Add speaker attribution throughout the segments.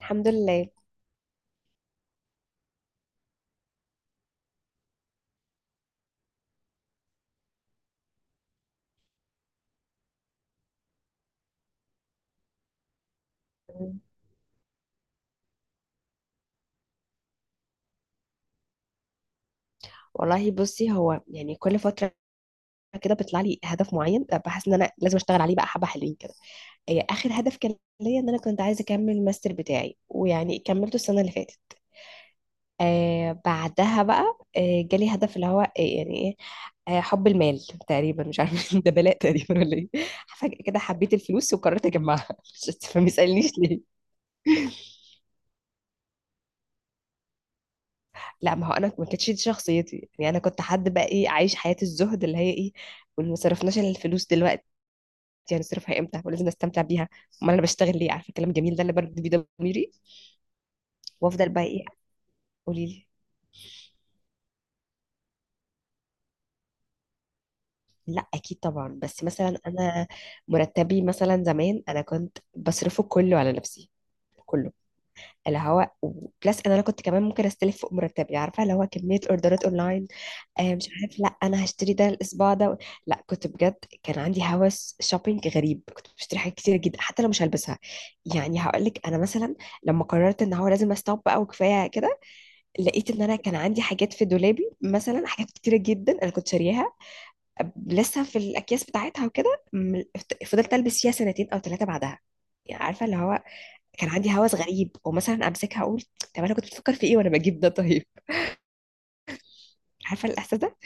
Speaker 1: الحمد لله. والله بصي، هو يعني كل فترة كده بيطلع لي هدف معين بحس ان انا لازم اشتغل عليه. بقى حبة حلوين كده. اخر هدف كان ليا ان انا كنت عايزة اكمل الماستر بتاعي، ويعني كملته السنة اللي فاتت. آه، بعدها بقى آه جالي هدف اللي هو آه يعني ايه، آه، حب المال تقريبا. مش عارفة ده بلاء تقريبا ولا ايه؟ فجأة كده حبيت الفلوس وقررت اجمعها. مش ما يسألنيش ليه. لا، ما هو انا ما كانتش دي شخصيتي. يعني انا كنت حد بقى ايه، عايش حياة الزهد اللي هي ايه، وما صرفناش إلا الفلوس دلوقتي. يعني صرفها امتى، ولازم نستمتع بيها. امال انا بشتغل ليه؟ عارفه الكلام الجميل ده اللي برد بيه ضميري وافضل بقى ايه. قولي لي. لا اكيد طبعا، بس مثلا انا مرتبي مثلا زمان انا كنت بصرفه كله على نفسي. كله. اللي هو بلس ان انا كنت كمان ممكن استلف فوق مرتبي، عارفه اللي هو كميه اوردرات اونلاين. آه مش عارف، لا انا هشتري ده الاسبوع ده. لا كنت بجد كان عندي هوس شوبينج غريب. كنت بشتري حاجات كتير جدا حتى لو مش هلبسها. يعني هقول لك انا مثلا لما قررت ان هو لازم استوب بقى وكفايه كده، لقيت ان انا كان عندي حاجات في دولابي مثلا، حاجات كتيره جدا انا كنت شارياها لسه في الاكياس بتاعتها. وكده فضلت البس فيها سنتين او ثلاثه بعدها. يعني عارفه اللي هو كان عندي هوس غريب. ومثلا امسكها اقول، طب انا كنت بفكر في ايه وانا بجيب ده؟ طيب عارفه الاحساس ده؟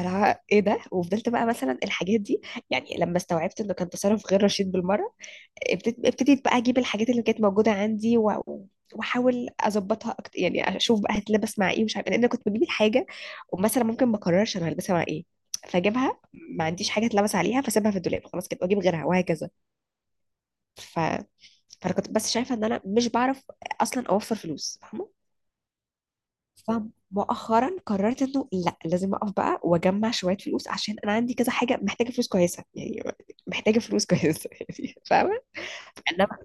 Speaker 1: أنا ايه ده؟ وفضلت بقى مثلا الحاجات دي، يعني لما استوعبت انه كان تصرف غير رشيد بالمره، ابتديت بقى اجيب الحاجات اللي كانت موجوده عندي، و... واحاول اظبطها اكتر. يعني اشوف بقى هتلبس مع ايه، مش عارفه، لان انا كنت بجيب الحاجه ومثلا ممكن ما اقررش انا هلبسها مع ايه، فاجيبها ما عنديش حاجه اتلبس عليها، فاسيبها في الدولاب خلاص كده واجيب غيرها، وهكذا. ف... فانا كنت بس شايفه ان انا مش بعرف اصلا اوفر فلوس، فاهمه؟ فمؤخرا قررت انه لا، لازم اقف بقى واجمع شويه فلوس، عشان انا عندي كذا حاجه محتاجه فلوس كويسه يعني. محتاجه فلوس كويسه يعني، فاهمه؟ انما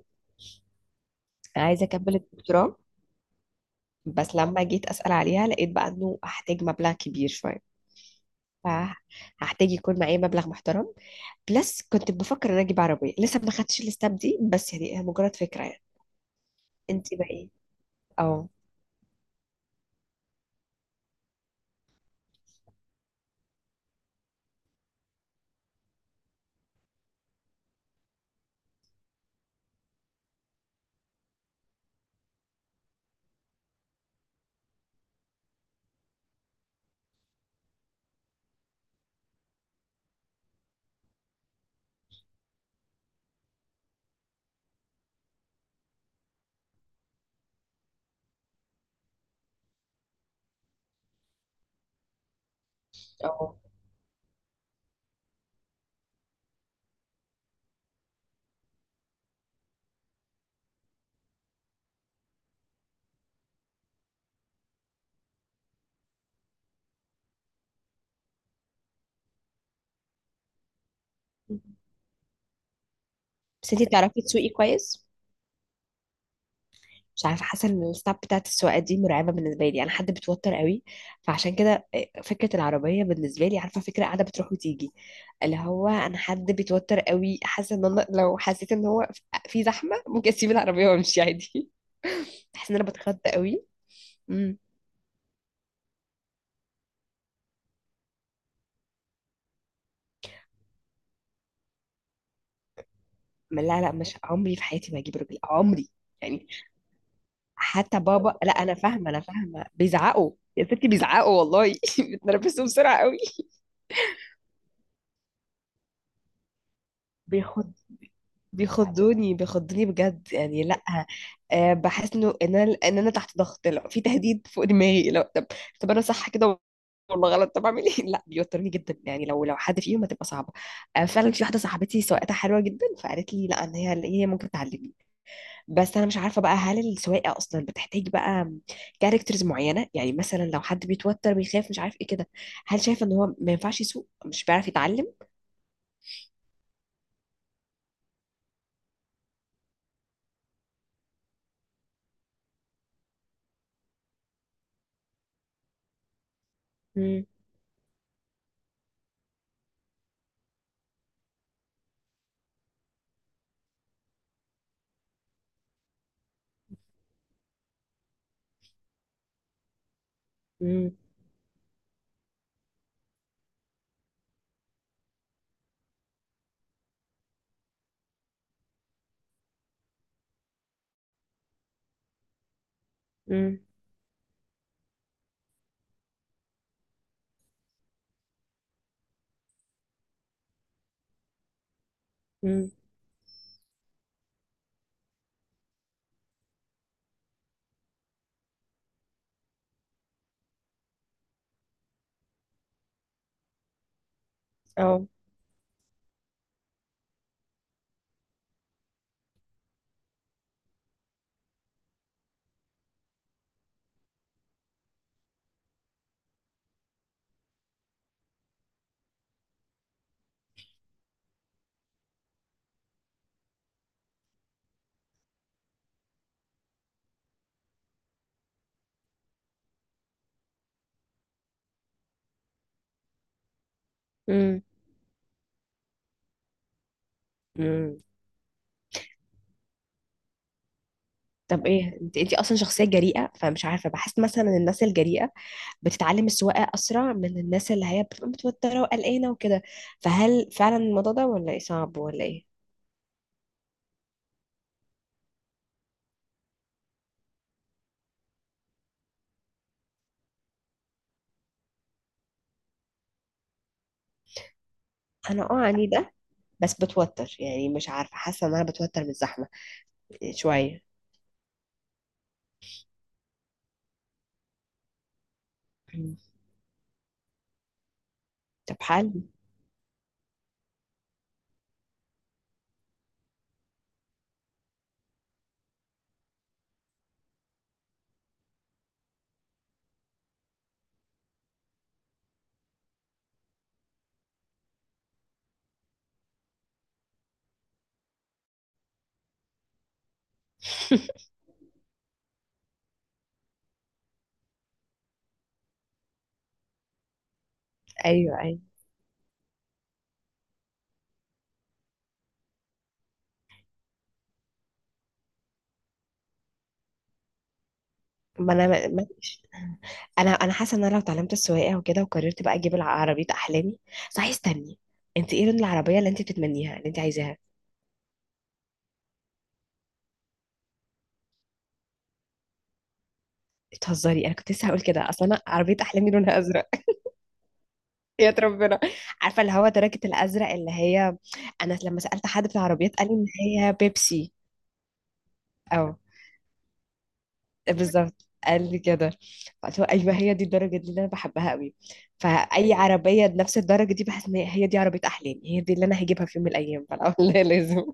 Speaker 1: انا عايزه اكمل الدكتوراه، بس لما جيت اسال عليها لقيت بقى انه هحتاج مبلغ كبير شويه. فهحتاج يكون معايا مبلغ محترم. بلس كنت بفكر ان أنا اجيب عربيه، لسه ما خدتش الستاب دي، بس يعني هي مجرد فكره يعني. انت بقى ايه؟ اه. اه. بس انت تعرفي تسوقي كويس؟ مش عارفه، حاسه ان الستاب بتاعت السواقه دي مرعبه بالنسبه لي. انا حد بتوتر قوي، فعشان كده فكره العربيه بالنسبه لي، عارفه، فكره قاعده بتروح وتيجي. اللي هو انا حد بيتوتر قوي. حاسه ان انا لو حسيت ان هو في زحمه ممكن اسيب العربيه وامشي عادي. بحس ان انا بتخض قوي. امم لا لا، مش عمري في حياتي ما اجيب رجل عمري يعني. حتى بابا لا، انا فاهمه، انا فاهمه، بيزعقوا يا ستي، بيزعقوا والله. بتنرفزوا بسرعه قوي. بياخد، بيخضوني بيخضوني بجد يعني. لا أه بحس انه ان انا تحت ضغط، لا في تهديد فوق دماغي. لو طب، طب انا صح كده والله غلط، طب اعمل ايه؟ لا بيوترني جدا. يعني لو حد فيهم هتبقى صعبه. أه فعلا في واحده صاحبتي سواقتها حلوه جدا، فقالت لي لا ان هي ممكن تعلمني. بس انا مش عارفه بقى، هل السواقه اصلا بتحتاج بقى كاركترز معينه؟ يعني مثلا لو حد بيتوتر، بيخاف، مش عارف ايه كده، هل شايفه ان هو ما ينفعش يسوق، مش بيعرف يتعلم؟ امم امم امم اه. مم. طب ايه، انت انت اصلا شخصيه جريئه، فمش عارفه، بحس مثلا إن الناس الجريئه بتتعلم السواقه اسرع من الناس اللي هي بتبقى متوتره وقلقانه وكده. فهل فعلا الموضوع ده ولا ايه؟ صعب ولا ايه؟ انا اه عنيده، بس بتوتر. يعني مش عارفه، حاسه ان انا بتوتر من الزحمه شويه. مم. طب حل. ايوه ايوه، ما انا ما ما- انا حاسه ان انا لو اتعلمت السواقه وكده وقررت بقى اجيب العربيه احلامي. صحيح استني، انت ايه لون العربيه اللي انت بتتمنيها، اللي انت عايزاها؟ بتهزري، انا كنت لسه هقول كده، اصل انا عربيه احلامي لونها ازرق. يا ربنا. عارفه اللي هو تركه الازرق اللي هي، انا لما سالت حد في العربيات قال لي ان هي بيبسي. او بالظبط قال لي كده، فقلت له ايوه هي دي الدرجه دي اللي انا بحبها قوي. فاي عربيه بنفس الدرجه دي بحس ان هي دي عربيه احلامي، هي دي اللي انا هجيبها في يوم من الايام. فلا والله لازم.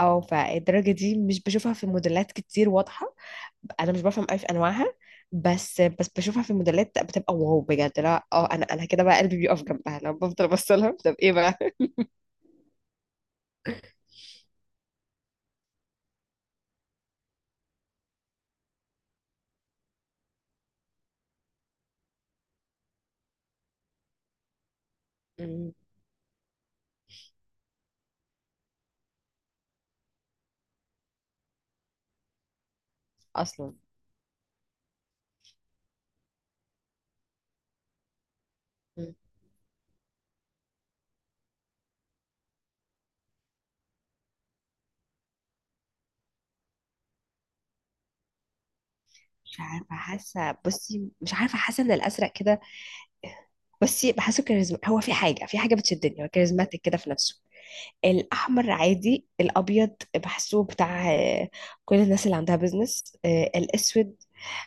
Speaker 1: او فالدرجه دي مش بشوفها في موديلات كتير واضحه، انا مش بفهم قوي في انواعها، بس بشوفها في الموديلات بتبقى واو بجد. لا اه، انا كده بقى قلبي بيقف جنبها لو بفضل ابص لها. طب ايه بقى؟ مم. اصلا. مم. مش عارفه حاسه، بصي مش عارفه حاسه ان الازرق كده، بصي، بحسه كاريزما. هو في حاجه، في حاجه بتشدني، هو كاريزماتيك كده في نفسه. الاحمر عادي، الابيض بحسه بتاع كل الناس اللي عندها بيزنس، الاسود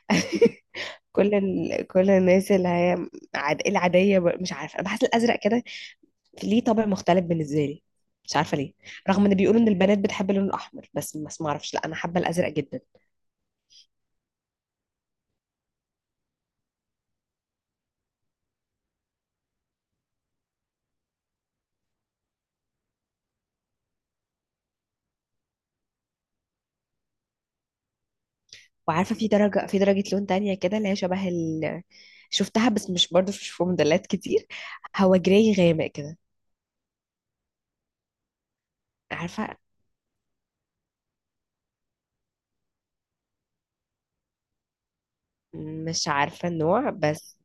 Speaker 1: كل ال... كل الناس اللي هي عاد... العاديه. مش عارفه، انا بحس الازرق كده ليه طابع مختلف بالنسبه لي، مش عارفه ليه. رغم ان بيقولوا ان البنات بتحب اللون الاحمر، بس ما اعرفش، لا انا حابه الازرق جدا. وعارفه في درجه، في درجه لون تانية كده اللي هي شبه ال... شفتها بس مش برضه مش في موديلات كتير. هو جراي غامق كده، عارفه؟ مش عارفه النوع بس.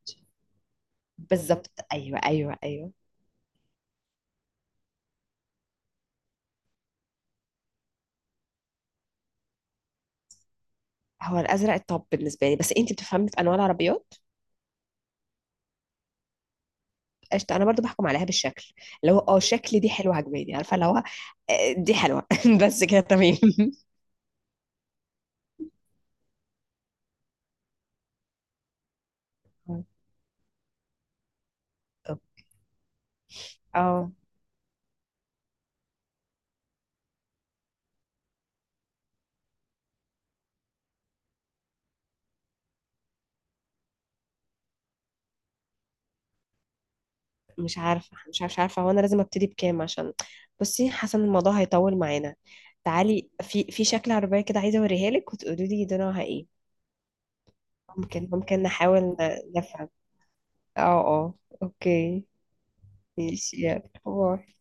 Speaker 1: بالظبط، ايوه ايوه ايوه. هو الازرق الطب بالنسبه لي، بس انت بتفهمي في انواع العربيات. قشطه، انا برضو بحكم عليها بالشكل، اللي هو اه شكل دي حلوه، عجباني، عارفه اللي هو، دي حلوه. بس كده تمام. اه. مش عارفة هو أنا لازم أبتدي بكام عشان، بصي حاسة إن الموضوع هيطول معانا. تعالي، في شكل عربية كده عايزة أوريها لك وتقولي لي نوعها إيه. ممكن نحاول نفهم. اه. اه. أوكي. ماشي يلا باي.